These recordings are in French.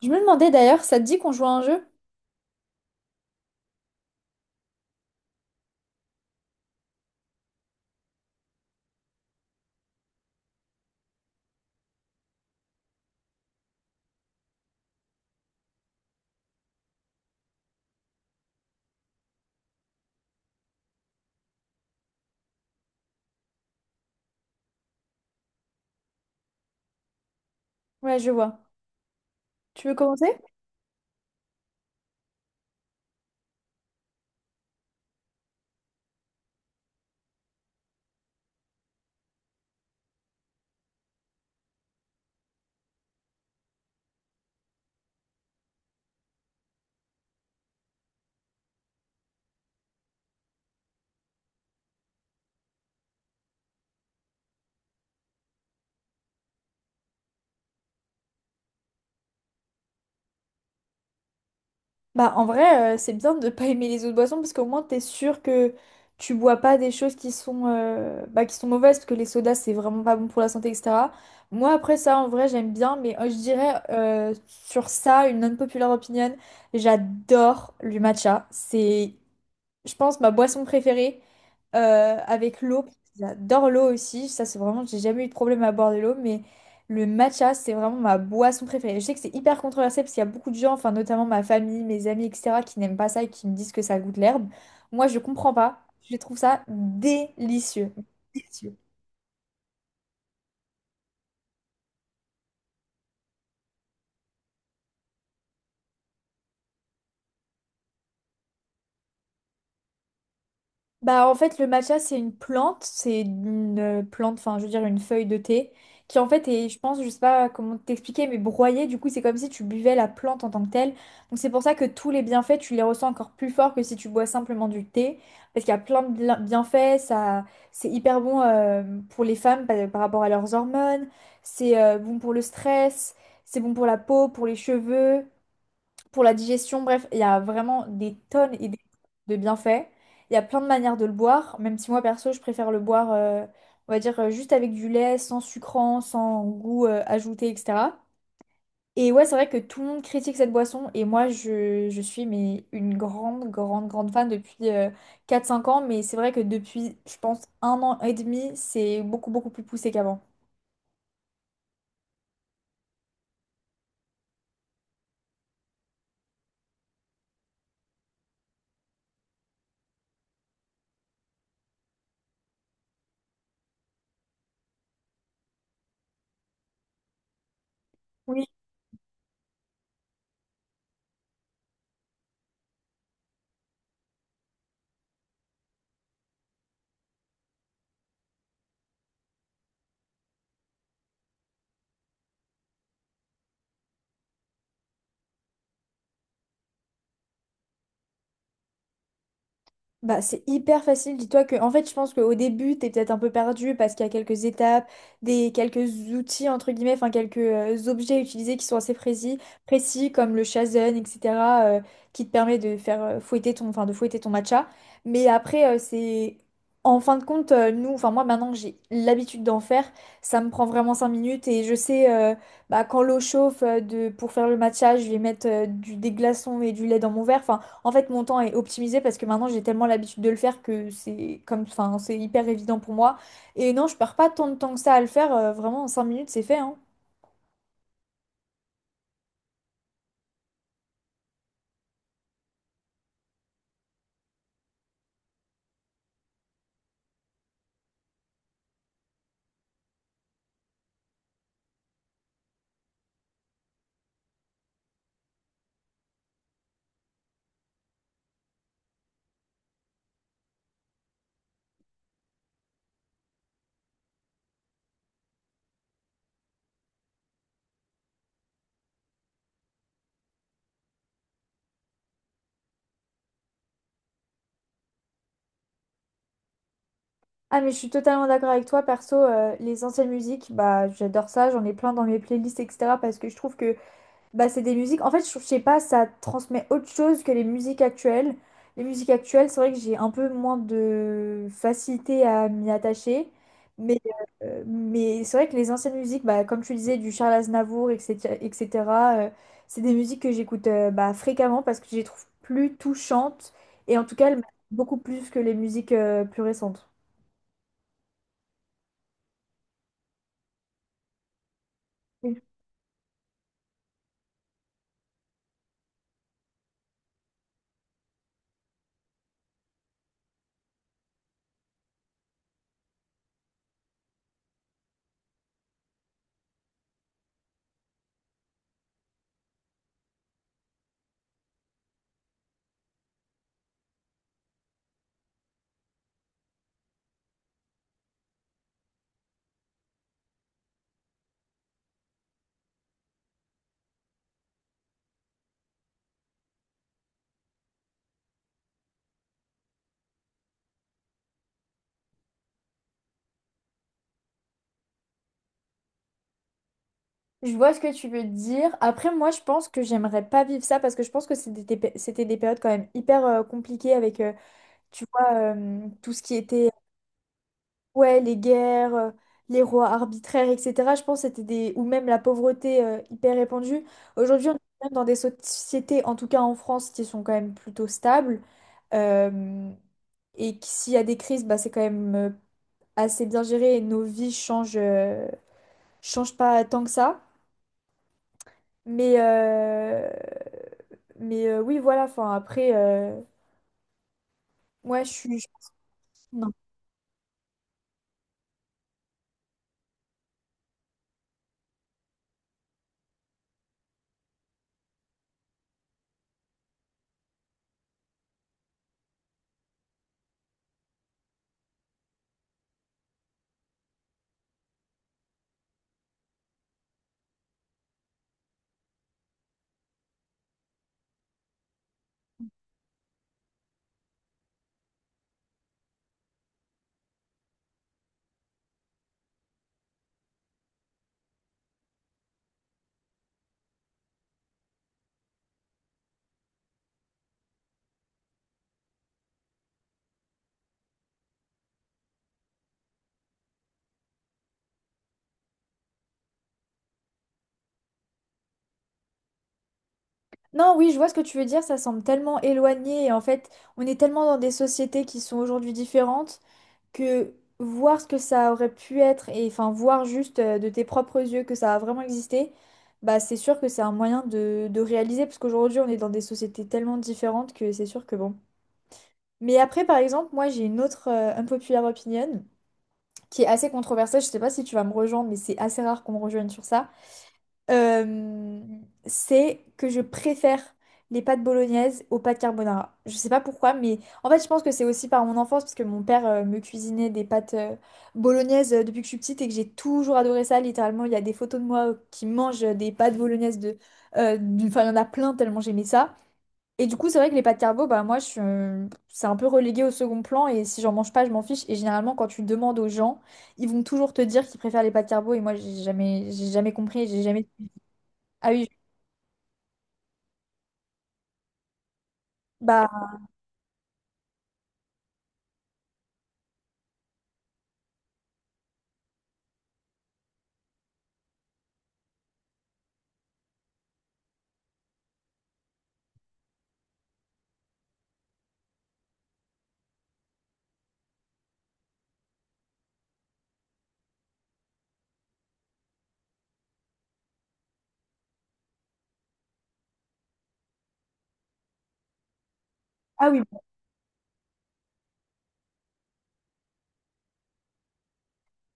Je me demandais d'ailleurs, ça te dit qu'on joue à un jeu? Ouais, je vois. Tu veux commencer? Bah, en vrai, c'est bien de ne pas aimer les autres boissons parce qu'au moins t'es sûr que tu bois pas des choses qui sont, bah, qui sont mauvaises parce que les sodas c'est vraiment pas bon pour la santé, etc. Moi, après ça, en vrai, j'aime bien, mais je dirais sur ça, une non-populaire opinion, j'adore le matcha. C'est je pense, ma boisson préférée avec l'eau. J'adore l'eau aussi. Ça, c'est vraiment, j'ai jamais eu de problème à boire de l'eau, mais le matcha, c'est vraiment ma boisson préférée. Je sais que c'est hyper controversé parce qu'il y a beaucoup de gens, enfin, notamment ma famille, mes amis, etc., qui n'aiment pas ça et qui me disent que ça goûte l'herbe. Moi, je comprends pas. Je trouve ça délicieux. Délicieux. Bah, en fait, le matcha, c'est une plante, enfin, je veux dire, une feuille de thé, qui en fait est, je pense, je sais pas comment t'expliquer, mais broyée, du coup, c'est comme si tu buvais la plante en tant que telle. Donc, c'est pour ça que tous les bienfaits, tu les ressens encore plus fort que si tu bois simplement du thé, parce qu'il y a plein de bienfaits. Ça, c'est hyper bon pour les femmes par rapport à leurs hormones, c'est bon pour le stress, c'est bon pour la peau, pour les cheveux pour la digestion. Bref, il y a vraiment des tonnes et des tonnes de bienfaits. Il y a plein de manières de le boire, même si moi perso, je préfère le boire, on va dire, juste avec du lait, sans sucrant, sans goût ajouté, etc. Et ouais, c'est vrai que tout le monde critique cette boisson, et moi, je suis mais une grande, grande, grande fan depuis 4-5 ans, mais c'est vrai que depuis, je pense, un an et demi, c'est beaucoup, beaucoup plus poussé qu'avant. Oui. Bah, c'est hyper facile. Dis-toi que, en fait, je pense qu'au début, t'es peut-être un peu perdu parce qu'il y a quelques étapes, quelques outils, entre guillemets, enfin, quelques objets utilisés qui sont assez précis, précis comme le shazen, etc., euh, qui te permet de faire fouetter ton, enfin, de fouetter ton matcha. Mais après, c'est, en fin de compte, nous, enfin, moi, maintenant que j'ai l'habitude d'en faire, ça me prend vraiment 5 minutes et je sais, bah, quand l'eau chauffe pour faire le matcha, je vais mettre des glaçons et du lait dans mon verre. Enfin, en fait, mon temps est optimisé parce que maintenant j'ai tellement l'habitude de le faire que c'est comme, enfin, c'est hyper évident pour moi. Et non, je perds pas tant de temps que ça à le faire. Vraiment, en 5 minutes, c'est fait, hein. Ah, mais je suis totalement d'accord avec toi. Perso, les anciennes musiques, bah, j'adore ça. J'en ai plein dans mes playlists, etc. Parce que je trouve que bah, c'est des musiques. En fait, je sais pas, ça transmet autre chose que les musiques actuelles. Les musiques actuelles, c'est vrai que j'ai un peu moins de facilité à m'y attacher. Mais, mais c'est vrai que les anciennes musiques, bah, comme tu disais, du Charles Aznavour, etc., etc., euh, c'est des musiques que j'écoute bah, fréquemment parce que je les trouve plus touchantes. Et en tout cas, elles m'attachent beaucoup plus que les musiques plus récentes. Je vois ce que tu veux dire. Après, moi, je pense que j'aimerais pas vivre ça parce que je pense que c'était c'était des périodes quand même hyper compliquées avec, tu vois, tout ce qui était, ouais, les guerres, les rois arbitraires, etc. Je pense que c'était ou même la pauvreté hyper répandue. Aujourd'hui, on est quand même dans des sociétés, en tout cas en France, qui sont quand même plutôt stables. euh, et que s'il y a des crises, bah, c'est quand même assez bien géré et nos vies changent, changent pas tant que ça. Mais, euh, mais, oui, voilà, enfin après, moi je suis, Non. Non, oui, je vois ce que tu veux dire, ça semble tellement éloigné et en fait, on est tellement dans des sociétés qui sont aujourd'hui différentes que voir ce que ça aurait pu être et enfin voir juste de tes propres yeux que ça a vraiment existé, bah c'est sûr que c'est un moyen de réaliser parce qu'aujourd'hui on est dans des sociétés tellement différentes que c'est sûr que bon. Mais après, par exemple, moi j'ai une autre unpopular opinion, qui est assez controversé, je sais pas si tu vas me rejoindre, mais c'est assez rare qu'on me rejoigne sur ça. euh, c'est que je préfère les pâtes bolognaises aux pâtes carbonara. Je sais pas pourquoi, mais en fait, je pense que c'est aussi par mon enfance, parce que mon père me cuisinait des pâtes bolognaises depuis que je suis petite et que j'ai toujours adoré ça. Littéralement, il y a des photos de moi qui mangent des pâtes bolognaises Enfin, il y en a plein tellement j'aimais ça. Et du coup, c'est vrai que les pâtes carbo, bah moi, je suis, c'est un peu relégué au second plan et si j'en mange pas, je m'en fiche. Et généralement, quand tu demandes aux gens, ils vont toujours te dire qu'ils préfèrent les pâtes carbo et moi, j'ai jamais compris, j'ai jamais. Ah oui, bah ah oui,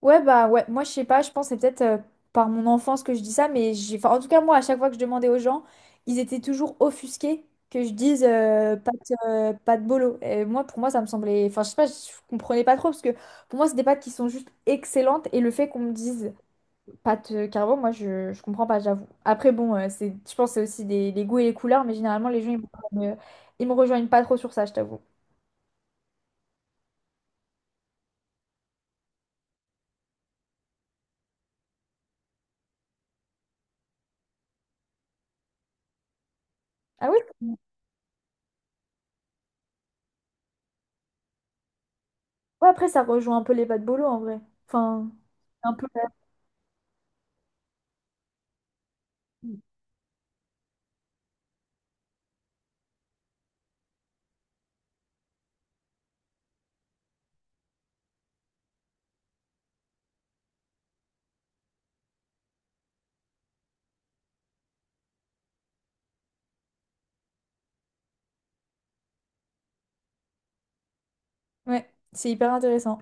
ouais bah ouais. Moi, je sais pas, je pense que c'est peut-être par mon enfance que je dis ça, mais j'ai, enfin, en tout cas, moi, à chaque fois que je demandais aux gens, ils étaient toujours offusqués que je dise pâtes bolo. Et moi, pour moi, ça me semblait, enfin, je sais pas, je comprenais pas trop parce que pour moi, c'est des pâtes qui sont juste excellentes et le fait qu'on me dise pâte carbo, moi je comprends pas, j'avoue. Après, bon, c'est, je pense que c'est aussi les goûts et les couleurs, mais généralement les gens ils me rejoignent pas trop sur ça, je t'avoue. Ah oui? Ouais, après ça rejoint un peu les pâtes bolo en vrai. Enfin, un peu. Ouais, ouais, c'est hyper intéressant.